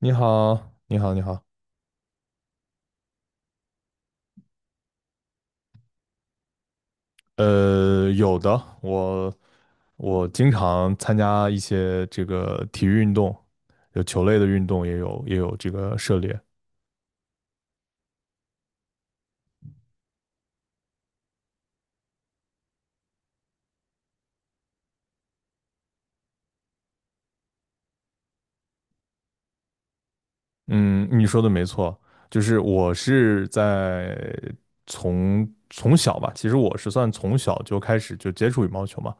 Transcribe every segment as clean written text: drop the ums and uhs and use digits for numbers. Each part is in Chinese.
你好，你好，你好。有的，我经常参加一些这个体育运动，有球类的运动，也有这个涉猎。嗯，你说的没错，就是我是在从小吧，其实我是算从小就开始就接触羽毛球嘛，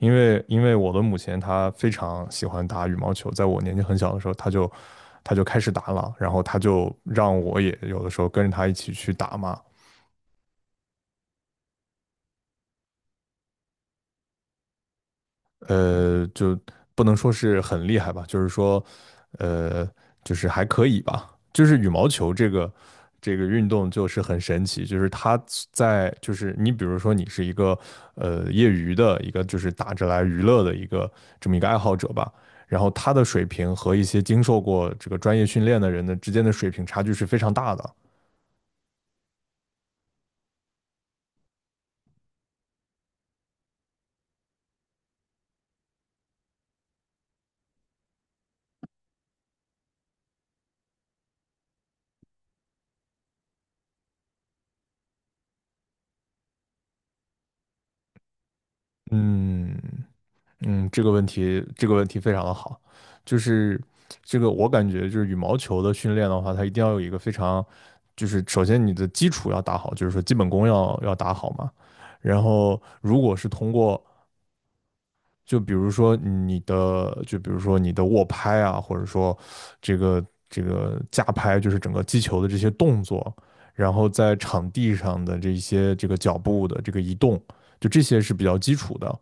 因为我的母亲她非常喜欢打羽毛球，在我年纪很小的时候，她就开始打了，然后她就让我也有的时候跟着她一起去打嘛。就不能说是很厉害吧，就是说，呃，就是还可以吧。就是羽毛球这个运动就是很神奇，就是它在就是你比如说你是一个业余的一个就是打着来娱乐的一个这么一个爱好者吧，然后他的水平和一些经受过这个专业训练的人的之间的水平差距是非常大的。嗯，嗯，这个问题非常的好，就是这个我感觉就是羽毛球的训练的话，它一定要有一个非常，就是首先你的基础要打好，就是说基本功要打好嘛。然后如果是通过，就比如说你的握拍啊，或者说这个架拍，就是整个击球的这些动作，然后在场地上的这一些这个脚步的这个移动，就这些是比较基础的。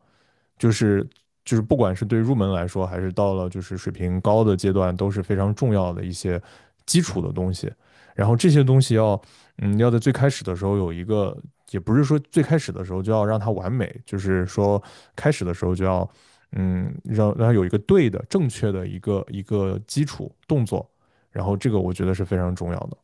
就是就是不管是对入门来说，还是到了就是水平高的阶段，都是非常重要的一些基础的东西。然后这些东西要，要在最开始的时候有一个，也不是说最开始的时候就要让它完美，就是说开始的时候就要，让它有一个对的、正确的一个基础动作。然后这个我觉得是非常重要的。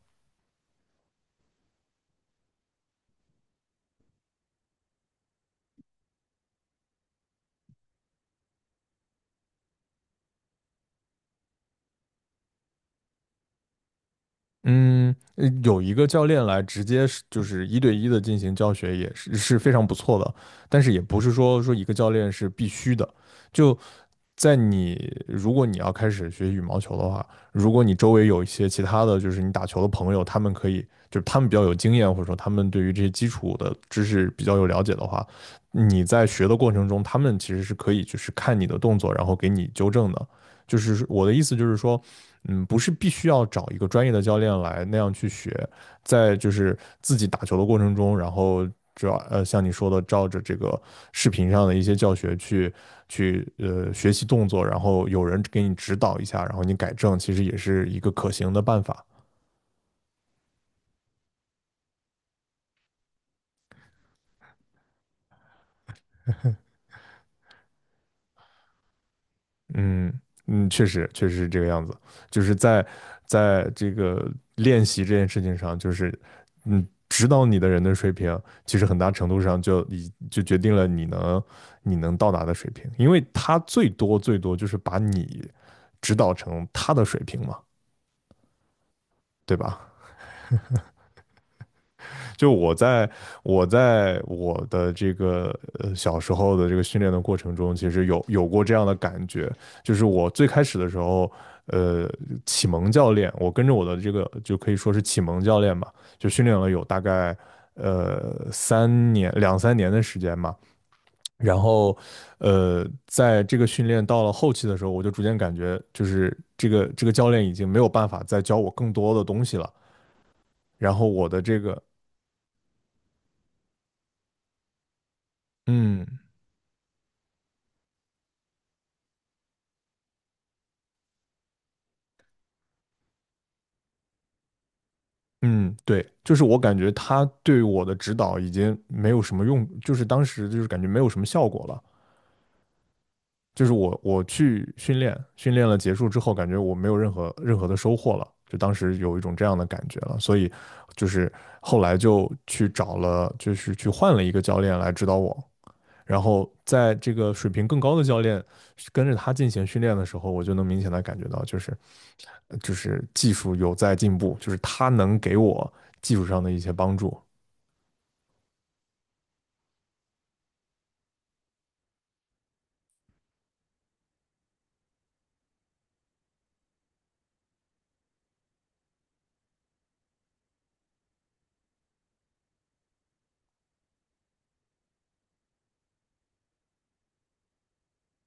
嗯，有一个教练来直接是就是一对一的进行教学也是非常不错的，但是也不是说一个教练是必须的。就在你如果你要开始学羽毛球的话，如果你周围有一些其他的就是你打球的朋友，他们可以就是他们比较有经验，或者说他们对于这些基础的知识比较有了解的话，你在学的过程中，他们其实是可以就是看你的动作，然后给你纠正的。就是我的意思就是说。嗯，不是必须要找一个专业的教练来那样去学，在就是自己打球的过程中，然后主要像你说的，照着这个视频上的一些教学去学习动作，然后有人给你指导一下，然后你改正，其实也是一个可行的办法。嗯嗯，确实是这个样子，就是在这个练习这件事情上，就是指导你的人的水平，其实很大程度上就决定了你能到达的水平，因为他最多最多就是把你指导成他的水平嘛，对吧？就我的这个小时候的这个训练的过程中，其实有过这样的感觉，就是我最开始的时候，呃，启蒙教练，我跟着我的这个就可以说是启蒙教练吧，就训练了有大概呃三年两三年的时间嘛，然后，在这个训练到了后期的时候，我就逐渐感觉就是这个教练已经没有办法再教我更多的东西了，然后我的这个嗯。嗯，对，就是我感觉他对我的指导已经没有什么用，就是当时就是感觉没有什么效果了。就是我去训练，训练了结束之后，感觉我没有任何的收获了，就当时有一种这样的感觉了。所以就是后来就去找了，就是去换了一个教练来指导我。然后在这个水平更高的教练跟着他进行训练的时候，我就能明显的感觉到，就是技术有在进步，就是他能给我技术上的一些帮助。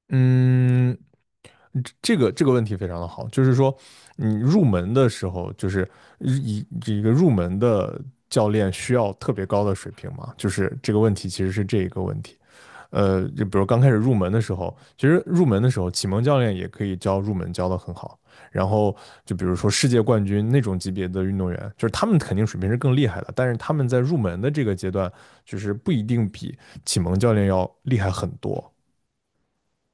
嗯，这个问题非常的好，就是说，你入门的时候，就是一一个入门的教练需要特别高的水平吗？就是这个问题其实是这一个问题。就比如刚开始入门的时候，其实入门的时候，启蒙教练也可以教入门教得很好。然后就比如说世界冠军那种级别的运动员，就是他们肯定水平是更厉害的，但是他们在入门的这个阶段，就是不一定比启蒙教练要厉害很多。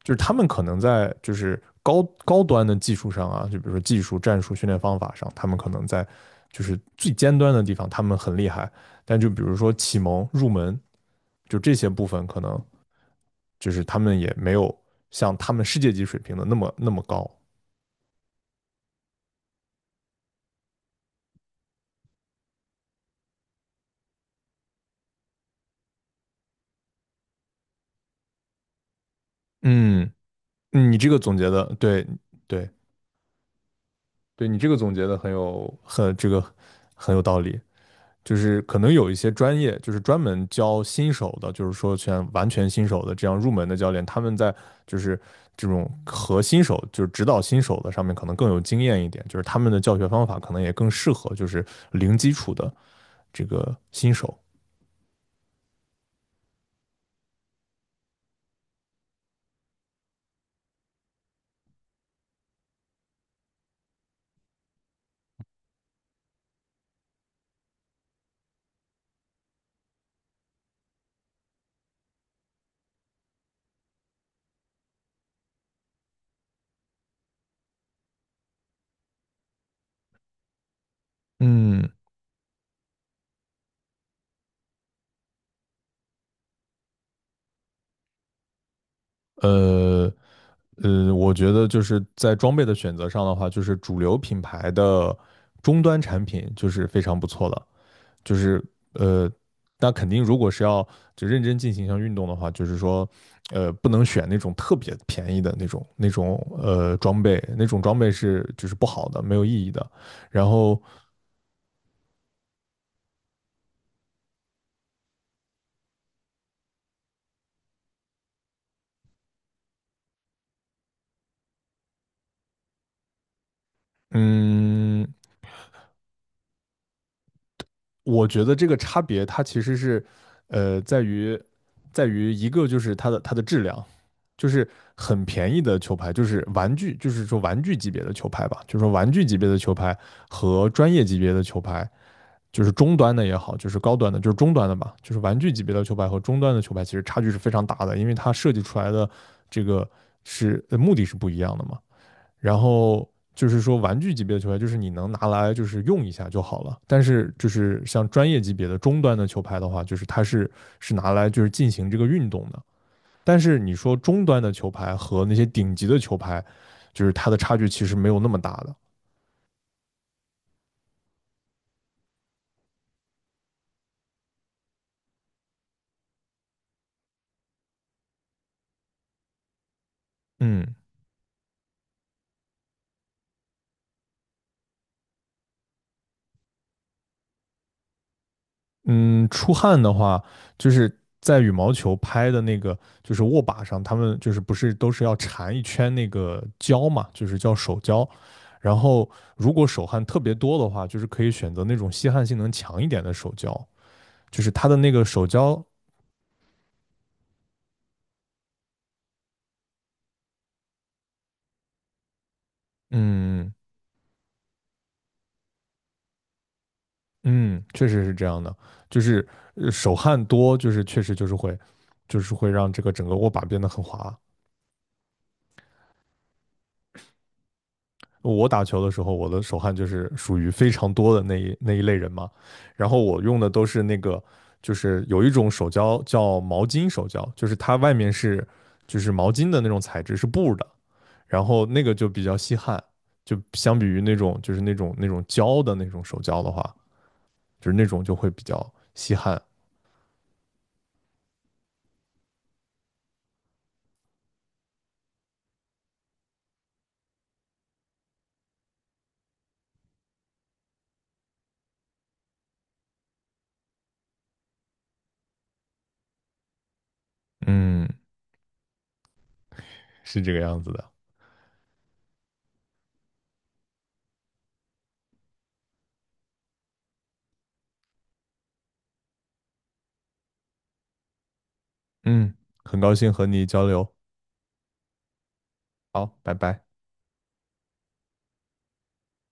就是他们可能在就是高端的技术上啊，就比如说技术、战术、训练方法上，他们可能在就是最尖端的地方他们很厉害，但就比如说启蒙、入门，就这些部分可能就是他们也没有像他们世界级水平的那么那么高。嗯，你这个总结的，对对对，你这个总结的很有很这个很有道理。就是可能有一些专业，就是专门教新手的，就是说完全新手的这样入门的教练，他们在就是这种和新手，就是指导新手的上面可能更有经验一点，就是他们的教学方法可能也更适合就是零基础的这个新手。嗯，呃我觉得就是在装备的选择上的话，就是主流品牌的终端产品就是非常不错的。就是呃，那肯定如果是要就认真进行一项运动的话，就是说不能选那种特别便宜的那种装备，那种装备是就是不好的，没有意义的。然后嗯，我觉得这个差别它其实是在于一个就是它的质量。就是很便宜的球拍，就是玩具，就是说玩具级别的球拍吧，就是说玩具级别的球拍和专业级别的球拍，就是中端的也好，就是高端的，就是中端的吧，就是玩具级别的球拍和中端的球拍其实差距是非常大的，因为它设计出来的这个是目的是不一样的嘛。然后就是说玩具级别的球拍，就是你能拿来就是用一下就好了。但是就是像专业级别的中端的球拍的话，就是它是拿来就是进行这个运动的。但是你说中端的球拍和那些顶级的球拍，就是它的差距其实没有那么大的。嗯，嗯，出汗的话，就是在羽毛球拍的那个，就是握把上，他们就是不是都是要缠一圈那个胶嘛，就是叫手胶。然后如果手汗特别多的话，就是可以选择那种吸汗性能强一点的手胶，就是它的那个手胶，嗯嗯，确实是这样的，就是手汗多，就是确实就是会，就是会让这个整个握把变得很滑。我打球的时候，我的手汗就是属于非常多的那一类人嘛。然后我用的都是那个，就是有一种手胶叫毛巾手胶，就是它外面是就是毛巾的那种材质，是布的，然后那个就比较吸汗，就相比于那种就是那种胶的那种手胶的话，就是那种就会比较吸汗。嗯，是这个样子的。嗯，很高兴和你交流。好，拜拜。